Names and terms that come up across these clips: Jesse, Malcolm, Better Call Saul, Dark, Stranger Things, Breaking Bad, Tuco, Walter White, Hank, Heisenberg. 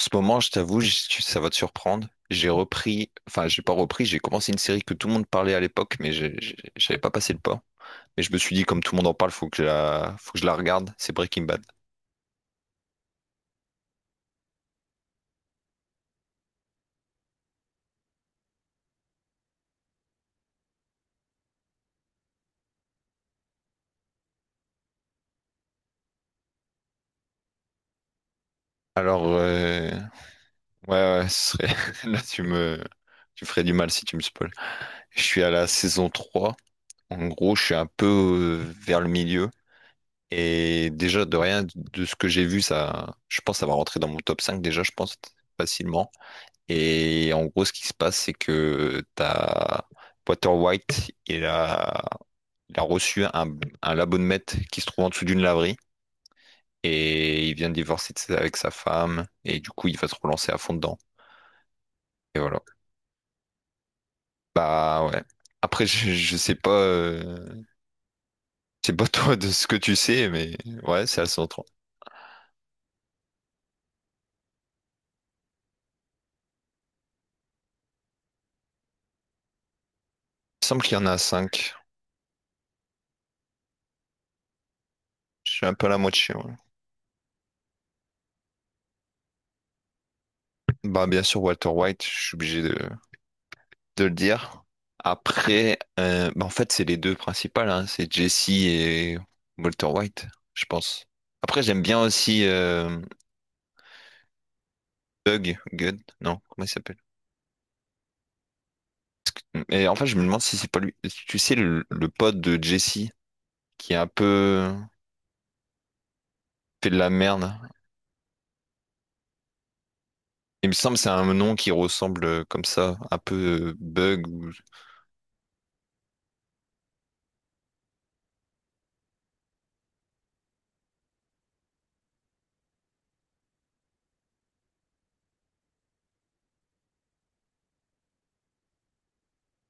Ce moment, je t'avoue, ça va te surprendre. J'ai repris, enfin, j'ai pas repris, j'ai commencé une série que tout le monde parlait à l'époque, mais j'avais pas passé le pas. Mais je me suis dit, comme tout le monde en parle, faut que je la regarde. C'est Breaking Bad. Alors, ouais, ouais, ce serait là, tu me, tu ferais du mal si tu me spoil. Je suis à la saison 3. En gros, je suis un peu vers le milieu. Et déjà, de rien de ce que j'ai vu, ça, je pense, ça va rentrer dans mon top 5. Déjà, je pense, facilement. Et en gros, ce qui se passe, c'est que t'as Walter White, il a reçu un l'abonnement qui se trouve en dessous d'une laverie, et il vient de divorcer avec sa femme. Et du coup, il va se relancer à fond dedans. Et voilà. Bah ouais. Après, je sais pas toi de ce que tu sais, mais ouais, c'est assez autre. Il me semble qu'il y en a cinq. Je suis un peu à la moitié. Ouais. Bah bien sûr, Walter White, je suis obligé de le dire. Après, bah, en fait, c'est les deux principales, hein, c'est Jesse et Walter White, je pense. Après, j'aime bien aussi Doug Gunn, non, comment il s'appelle? Et en fait, je me demande si c'est pas lui. Tu sais, le pote de Jesse qui est un peu fait de la merde. Il me semble que c'est un nom qui ressemble comme ça, un peu Bug.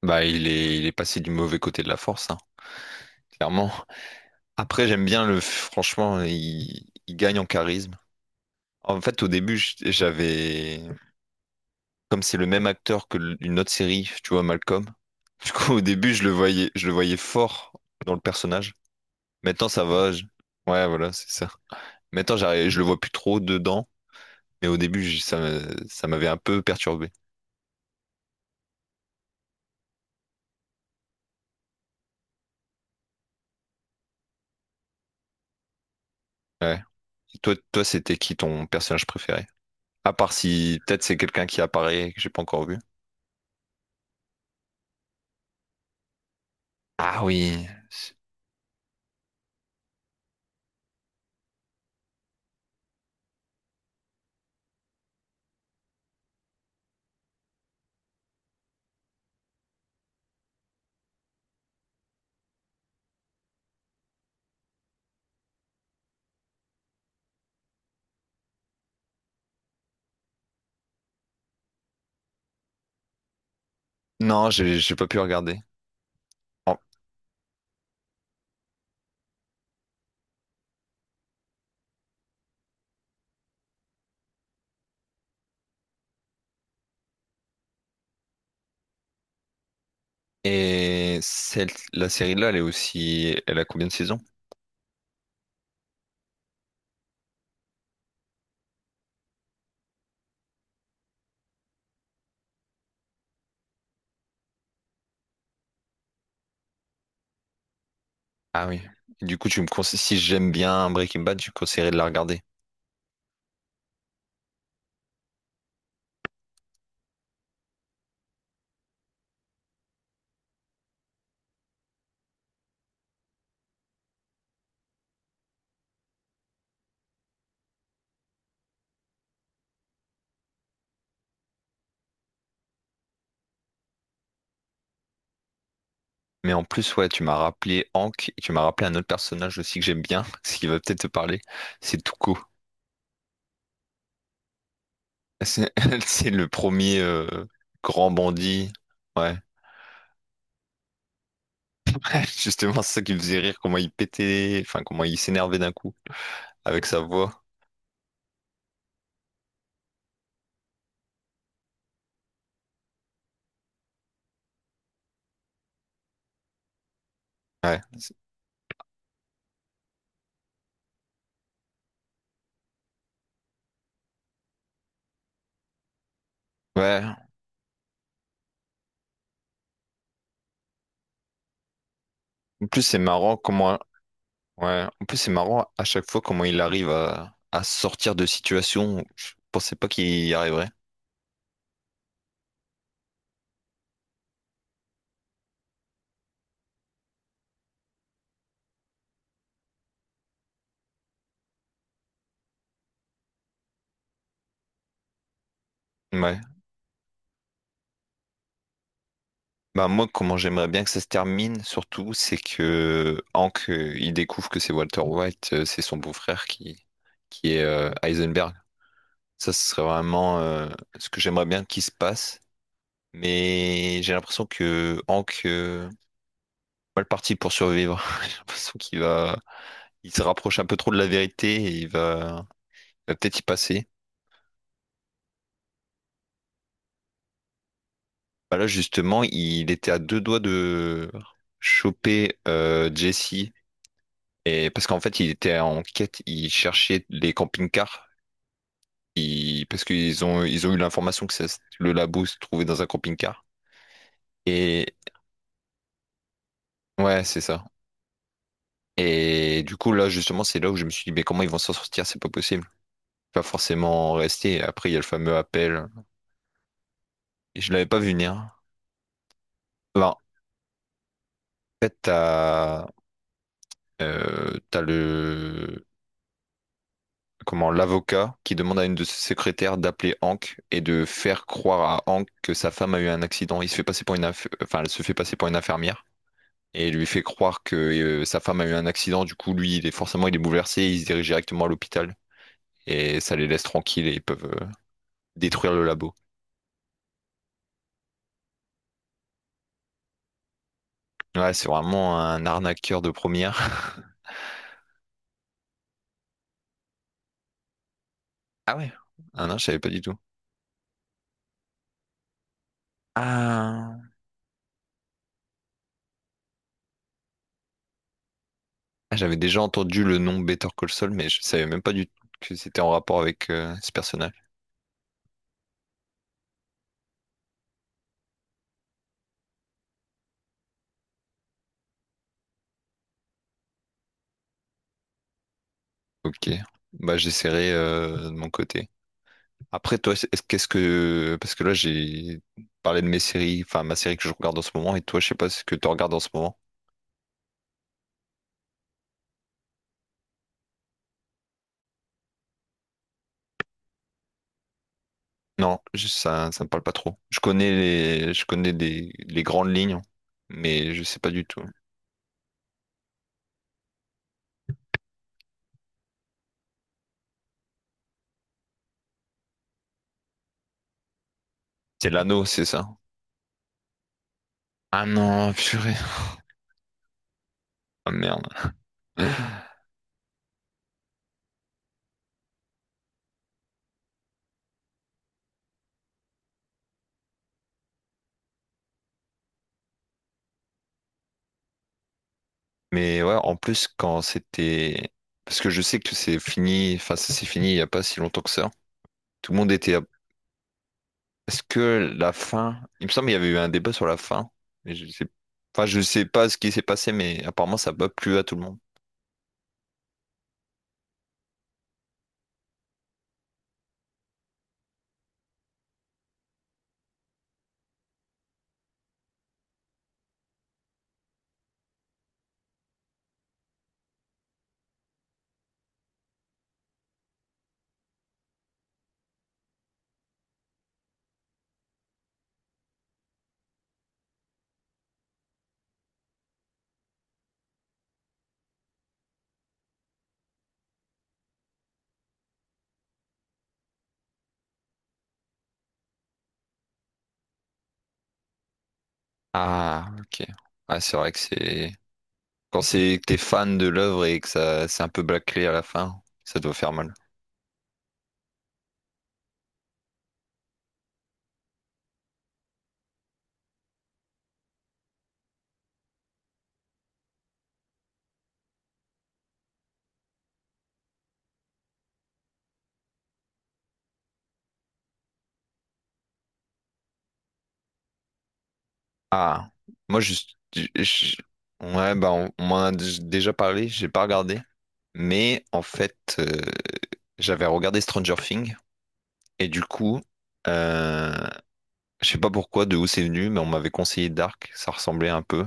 Bah, il est passé du mauvais côté de la force, hein, clairement. Après, j'aime bien le. Franchement, il gagne en charisme. En fait, au début, j'avais, comme c'est le même acteur que une autre série, tu vois, Malcolm. Du coup, au début, je le voyais fort dans le personnage. Maintenant, ça va. Ouais, voilà, c'est ça. Maintenant, j'arrive, je le vois plus trop dedans, mais au début, ça m'avait un peu perturbé. Ouais. Et toi, toi, c'était qui ton personnage préféré? À part si peut-être c'est quelqu'un qui apparaît et que j'ai pas encore vu. Ah oui. Non, j'ai pas pu regarder. Oh. Et celle, la série-là, elle est aussi, elle a combien de saisons? Ah oui. Du coup, tu me conseilles, si j'aime bien Breaking Bad, je conseillerais de la regarder. Mais en plus, ouais, tu m'as rappelé Hank et tu m'as rappelé un autre personnage aussi que j'aime bien, ce qui va peut-être te parler, c'est Tuco. C'est c'est le premier grand bandit. Ouais, justement, c'est ça qui me faisait rire, comment il pétait, enfin, comment il s'énervait d'un coup avec sa voix. Ouais, ouais. En plus, c'est marrant comment, ouais, en plus, c'est marrant à chaque fois comment il arrive à sortir de situations où je pensais pas qu'il y arriverait. Ouais. Bah moi, comment j'aimerais bien que ça se termine, surtout, c'est que Hank, il découvre que c'est Walter White, c'est son beau-frère qui est Heisenberg. Ça, ce serait vraiment ce que j'aimerais bien qu'il se passe. Mais j'ai l'impression que Hank, pas parti pour survivre. J'ai l'impression il se rapproche un peu trop de la vérité, et il va peut-être y passer. Bah là, justement, il était à deux doigts de choper Jesse. Et parce qu'en fait, il était en quête, il cherchait les camping-cars, parce qu'ils ont eu l'information que le labo se trouvait dans un camping-car. Et ouais, c'est ça. Et du coup, là, justement, c'est là où je me suis dit, mais comment ils vont s'en sortir? C'est pas possible. Pas forcément rester. Après, il y a le fameux appel. Et je l'avais pas vu venir. Enfin, en fait, t'as le comment l'avocat qui demande à une de ses secrétaires d'appeler Hank et de faire croire à Hank que sa femme a eu un accident. Il se fait passer pour enfin, elle se fait passer pour une infirmière et lui fait croire que sa femme a eu un accident. Du coup, lui, il est forcément il est bouleversé, il se dirige directement à l'hôpital, et ça les laisse tranquilles, et ils peuvent détruire le labo. Ouais, c'est vraiment un arnaqueur de première. Ah ouais. Ah non, je savais pas du tout. Ah, Ah, j'avais déjà entendu le nom Better Call Saul, mais je savais même pas du tout que c'était en rapport avec ce personnage. Ok, bah j'essaierai de mon côté. Après toi, est-ce qu'est-ce que parce que là j'ai parlé de mes séries, enfin ma série que je regarde en ce moment, et toi je sais pas ce que tu regardes en ce moment. Non, ça me parle pas trop. Je connais des les grandes lignes, mais je sais pas du tout. C'est l'anneau, c'est ça? Ah non, purée. Ah merde. Mais ouais, en plus quand c'était parce que je sais que c'est fini, enfin ça s'est fini il y a pas si longtemps que ça. Tout le monde était Est-ce que la fin. Il me semble qu'il y avait eu un débat sur la fin. Mais je sais. Enfin, je sais pas ce qui s'est passé, mais apparemment, ça n'a pas plu à tout le monde. Ah, ok. Ah, c'est vrai que c'est. Quand c'est que t'es fan de l'œuvre et que ça c'est un peu bâclé à la fin, ça doit faire mal. Ah, moi, je- je- ouais, bah, on m'en a déjà parlé, j'ai pas regardé. Mais en fait, j'avais regardé Stranger Things, et du coup, euh, je sais pas pourquoi, de où c'est venu, mais on m'avait conseillé Dark, ça ressemblait un peu.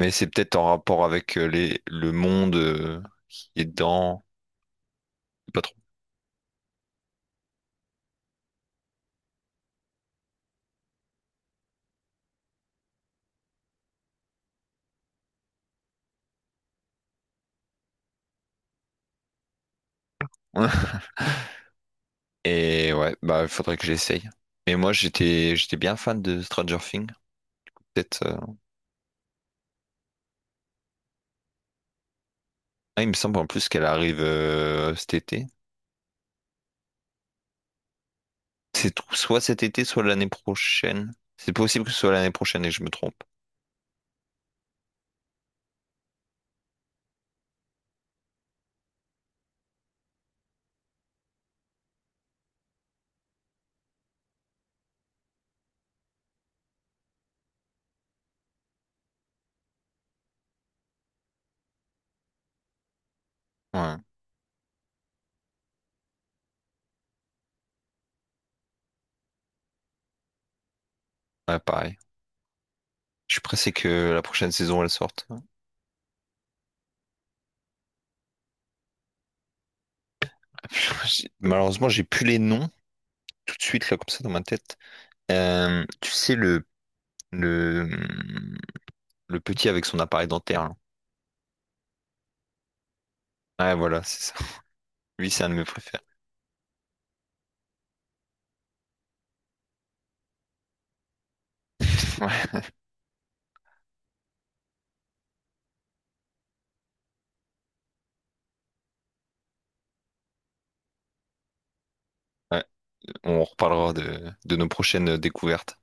Mais c'est peut-être en rapport avec le monde qui est dedans, pas trop. Et ouais, bah il faudrait que j'essaye. Mais moi j'étais bien fan de Stranger Things. Peut-être. Ah, il me semble en plus qu'elle arrive cet été. Soit cet été, soit l'année prochaine. C'est possible que ce soit l'année prochaine et que je me trompe. Ouais, ouais, pareil. Je suis pressé que la prochaine saison elle sorte. Malheureusement, j'ai plus les noms tout de suite là comme ça dans ma tête. Tu sais, le, le petit avec son appareil dentaire, là. Ouais, voilà, c'est ça. Lui, c'est un de mes préférés. Ouais. Ouais, on reparlera de nos prochaines découvertes.